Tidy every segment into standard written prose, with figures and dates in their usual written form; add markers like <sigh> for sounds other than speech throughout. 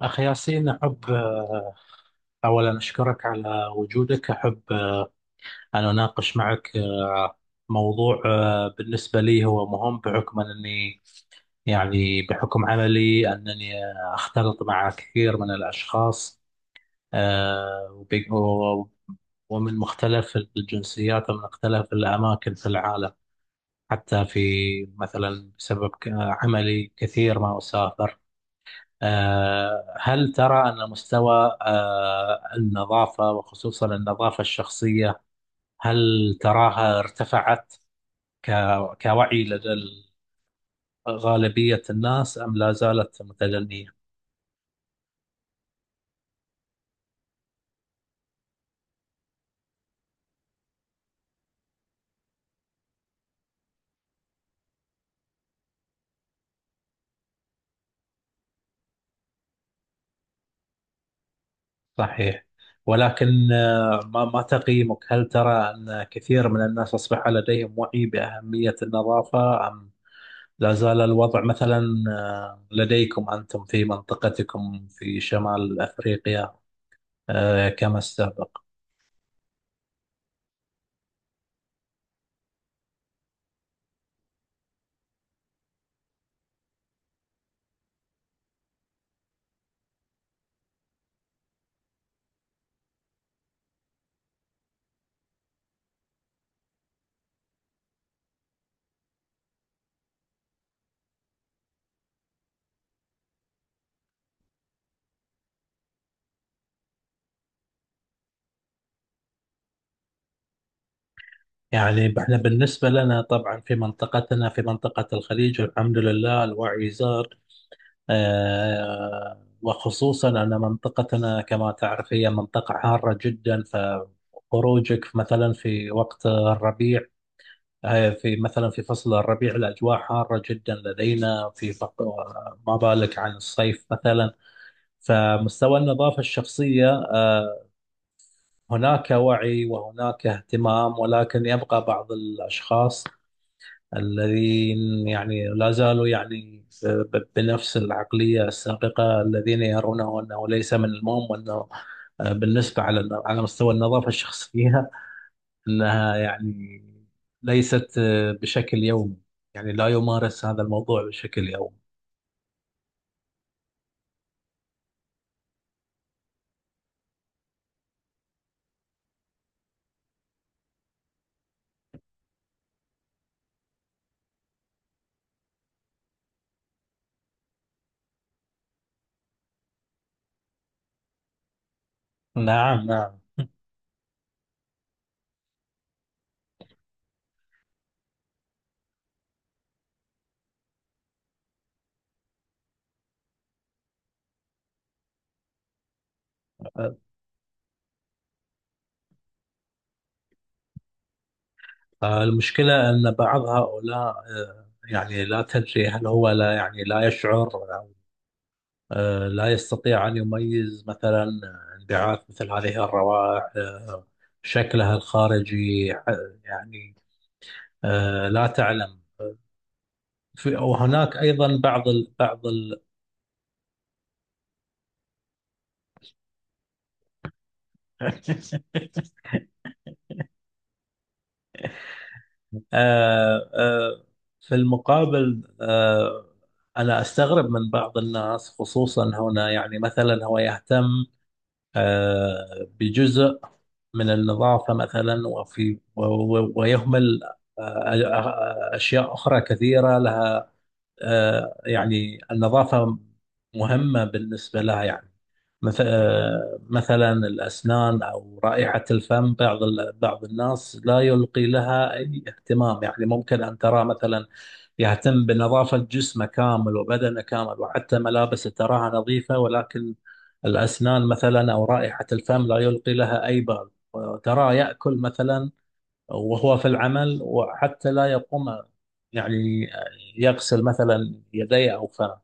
أخي ياسين، أحب أولا أشكرك على وجودك. أحب أن أناقش معك موضوع بالنسبة لي هو مهم بحكم أنني، يعني بحكم عملي، أنني أختلط مع كثير من الأشخاص، آه، وب- و- ومن مختلف الجنسيات ومن مختلف الأماكن في العالم، حتى في مثلا بسبب عملي كثير ما أسافر. هل ترى أن مستوى النظافة، وخصوصا النظافة الشخصية، هل تراها ارتفعت كوعي لدى غالبية الناس، أم لا زالت متدنية؟ صحيح. ولكن ما تقييمك؟ هل ترى أن كثير من الناس أصبح لديهم وعي بأهمية النظافة، أم لا زال الوضع مثلا لديكم أنتم في منطقتكم في شمال أفريقيا كما السابق؟ يعني احنا بالنسبة لنا طبعا في منطقتنا، في منطقة الخليج، الحمد لله الوعي زاد، وخصوصا أن منطقتنا كما تعرف هي منطقة حارة جدا. فخروجك مثلا في وقت الربيع، في مثلا في فصل الربيع، الأجواء حارة جدا لدينا في ما بالك عن الصيف مثلا. فمستوى النظافة الشخصية هناك وعي وهناك اهتمام، ولكن يبقى بعض الأشخاص الذين يعني لا زالوا يعني بنفس العقلية السابقة، الذين يرونه أنه ليس من المهم، وأنه بالنسبة على مستوى النظافة الشخصية <laughs> أنها يعني ليست بشكل يومي، يعني لا يمارس هذا الموضوع بشكل يومي. نعم، نعم. المشكلة أن بعض هؤلاء يعني لا تدري، هل هو لا يعني لا يشعر، لا يستطيع أن يميز مثلا انبعاث مثل هذه الروائح، شكلها الخارجي، يعني لا تعلم. وهناك أيضا بعض ال بعض ال <laughs> آه، آه، في المقابل، أنا أستغرب من بعض الناس، خصوصا هنا، يعني مثلا هو يهتم بجزء من النظافة مثلا، ويهمل أشياء أخرى كثيرة، لها يعني النظافة مهمة بالنسبة لها، يعني مثلا الأسنان أو رائحة الفم، بعض بعض الناس لا يلقي لها أي اهتمام. يعني ممكن أن ترى مثلا يهتم بنظافة جسمه كامل وبدنه كامل، وحتى ملابسه تراها نظيفة، ولكن الأسنان مثلا أو رائحة الفم لا يلقي لها أي بال، وتراه يأكل مثلا وهو في العمل، وحتى لا يقوم يعني يغسل مثلا يديه أو فمه.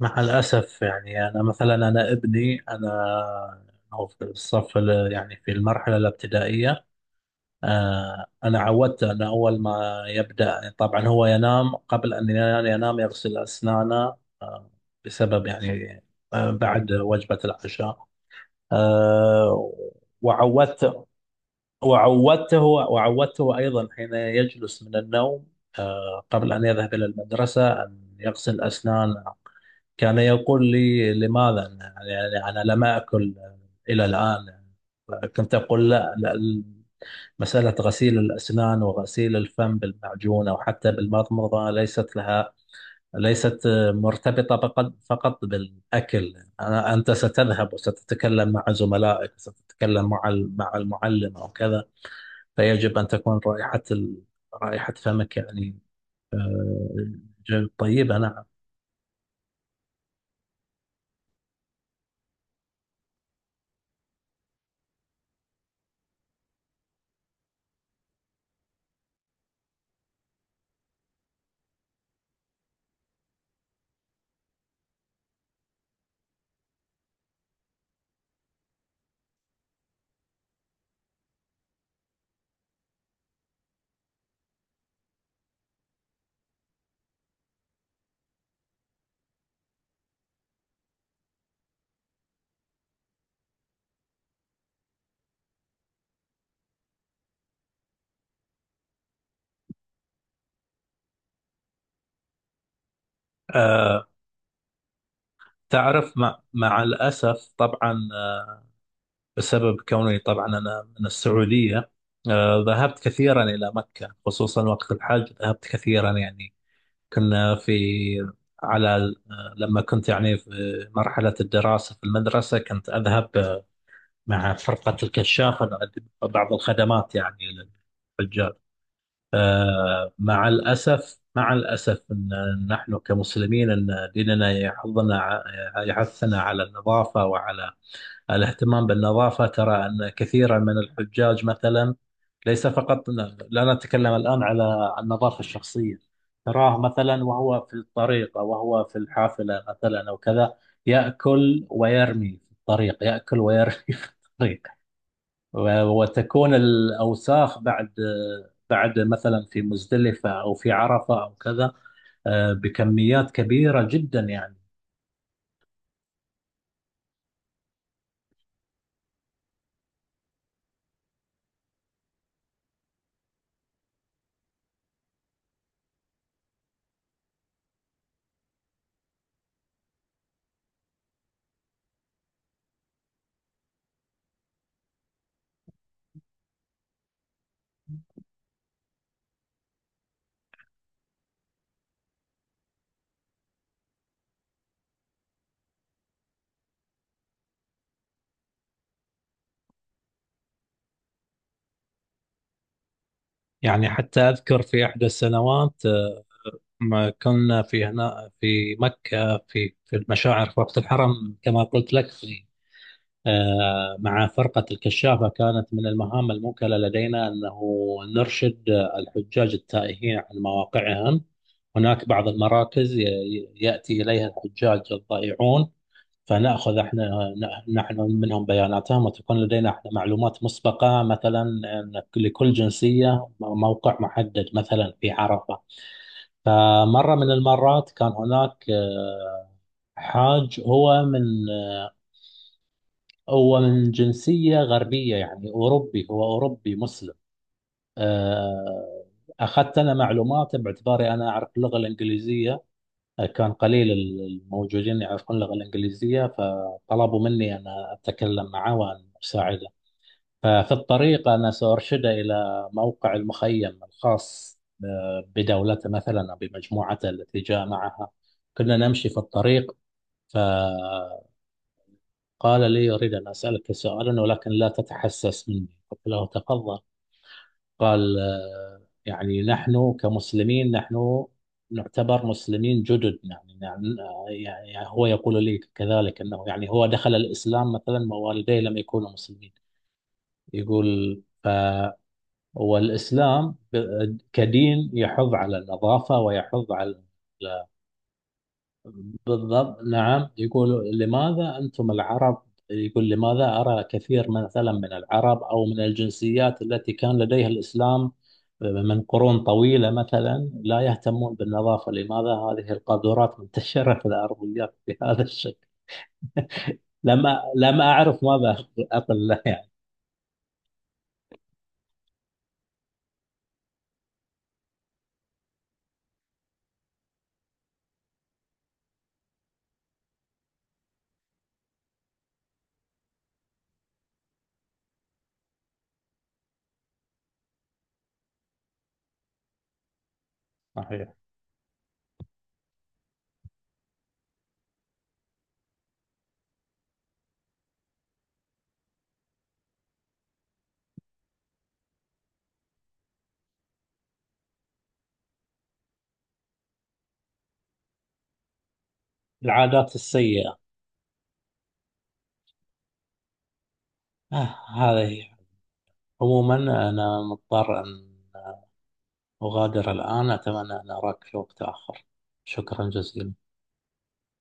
مع الأسف يعني، أنا مثلا أنا ابني، أنا هو في الصف يعني في المرحلة الابتدائية، أنا عودته أنه أول ما يبدأ، طبعا هو ينام، قبل أن ينام يغسل أسنانه، آه، بسبب يعني بعد وجبة العشاء، آه، وعودته أيضا حين يجلس من النوم، قبل أن يذهب إلى المدرسة، أن يغسل أسنانه. كان يقول لي: لماذا يعني، يعني أنا لم أكل إلى الآن؟ كنت أقول: لا, لا، مسألة غسيل الأسنان وغسيل الفم بالمعجون أو حتى بالمضمضة ليست مرتبطة فقط بالأكل. أنت ستذهب وستتكلم مع زملائك، وستتكلم مع مع المعلم أو كذا، فيجب أن تكون رائحة رائحة فمك يعني طيبة. نعم. أه تعرف، مع الأسف طبعا، بسبب كوني طبعا أنا من السعودية، ذهبت كثيرا إلى مكة، خصوصا وقت الحج، ذهبت كثيرا يعني. كنا في على لما كنت يعني في مرحلة الدراسة في المدرسة، كنت أذهب مع فرقة الكشاف نقدم بعض الخدمات يعني للحجاج. مع الأسف، مع الأسف، أن نحن كمسلمين، أن ديننا يحضنا يحثنا على النظافة وعلى الاهتمام بالنظافة، ترى أن كثيرا من الحجاج مثلا، ليس فقط، لا نتكلم الآن على عن النظافة الشخصية، تراه مثلا وهو في الطريق، أو وهو في الحافلة مثلا أو كذا، يأكل ويرمي في الطريق، يأكل ويرمي <laughs> في الطريق، وتكون الأوساخ بعد مثلا في مزدلفة أو في عرفة أو كذا، بكميات كبيرة جدا يعني. يعني حتى أذكر في إحدى السنوات، ما كنا في هنا في مكة، في المشاعر في وقت الحرم، كما قلت لك، في مع فرقة الكشافة، كانت من المهام الموكلة لدينا أنه نرشد الحجاج التائهين عن مواقعهم. هناك بعض المراكز يأتي إليها الحجاج الضائعون، فنأخذ احنا نحن منهم بياناتهم، وتكون لدينا احنا معلومات مسبقة، مثلا أن لكل جنسية موقع محدد مثلا في عرفة. فمرة من المرات كان هناك حاج هو من، هو من جنسية غربية، يعني أوروبي، هو أوروبي مسلم. آه، أخذت أنا معلوماته باعتباري أنا أعرف اللغة الإنجليزية، كان قليل الموجودين يعرفون اللغة الإنجليزية، فطلبوا مني أن أتكلم معه وأن أساعده. ففي الطريق أنا سأرشده إلى موقع المخيم الخاص بدولته مثلا، أو بمجموعته التي جاء معها. كنا نمشي في الطريق، فقال لي: أريد أن أسألك سؤالا ولكن لا تتحسس مني. قلت له: تفضل. قال: يعني نحن كمسلمين، نحن نعتبر مسلمين جدد، يعني هو يقول لي كذلك أنه يعني هو دخل الإسلام مثلا، ووالديه لم يكونوا مسلمين. يقول: هو الإسلام كدين يحض على النظافة ويحض على بالضبط، نعم. يقول: لماذا أنتم العرب، يقول: لماذا أرى كثير مثلا من العرب، أو من الجنسيات التي كان لديها الإسلام من قرون طويلة مثلا، لا يهتمون بالنظافة؟ لماذا هذه القاذورات منتشرة في الأرضيات بهذا الشكل؟ لما لم أعرف ماذا أقول له يعني. صحيح. العادات السيئة. هذه عموما، أنا مضطر أن أغادر الآن. أتمنى أن أراك في وقت آخر. شكرا جزيلا.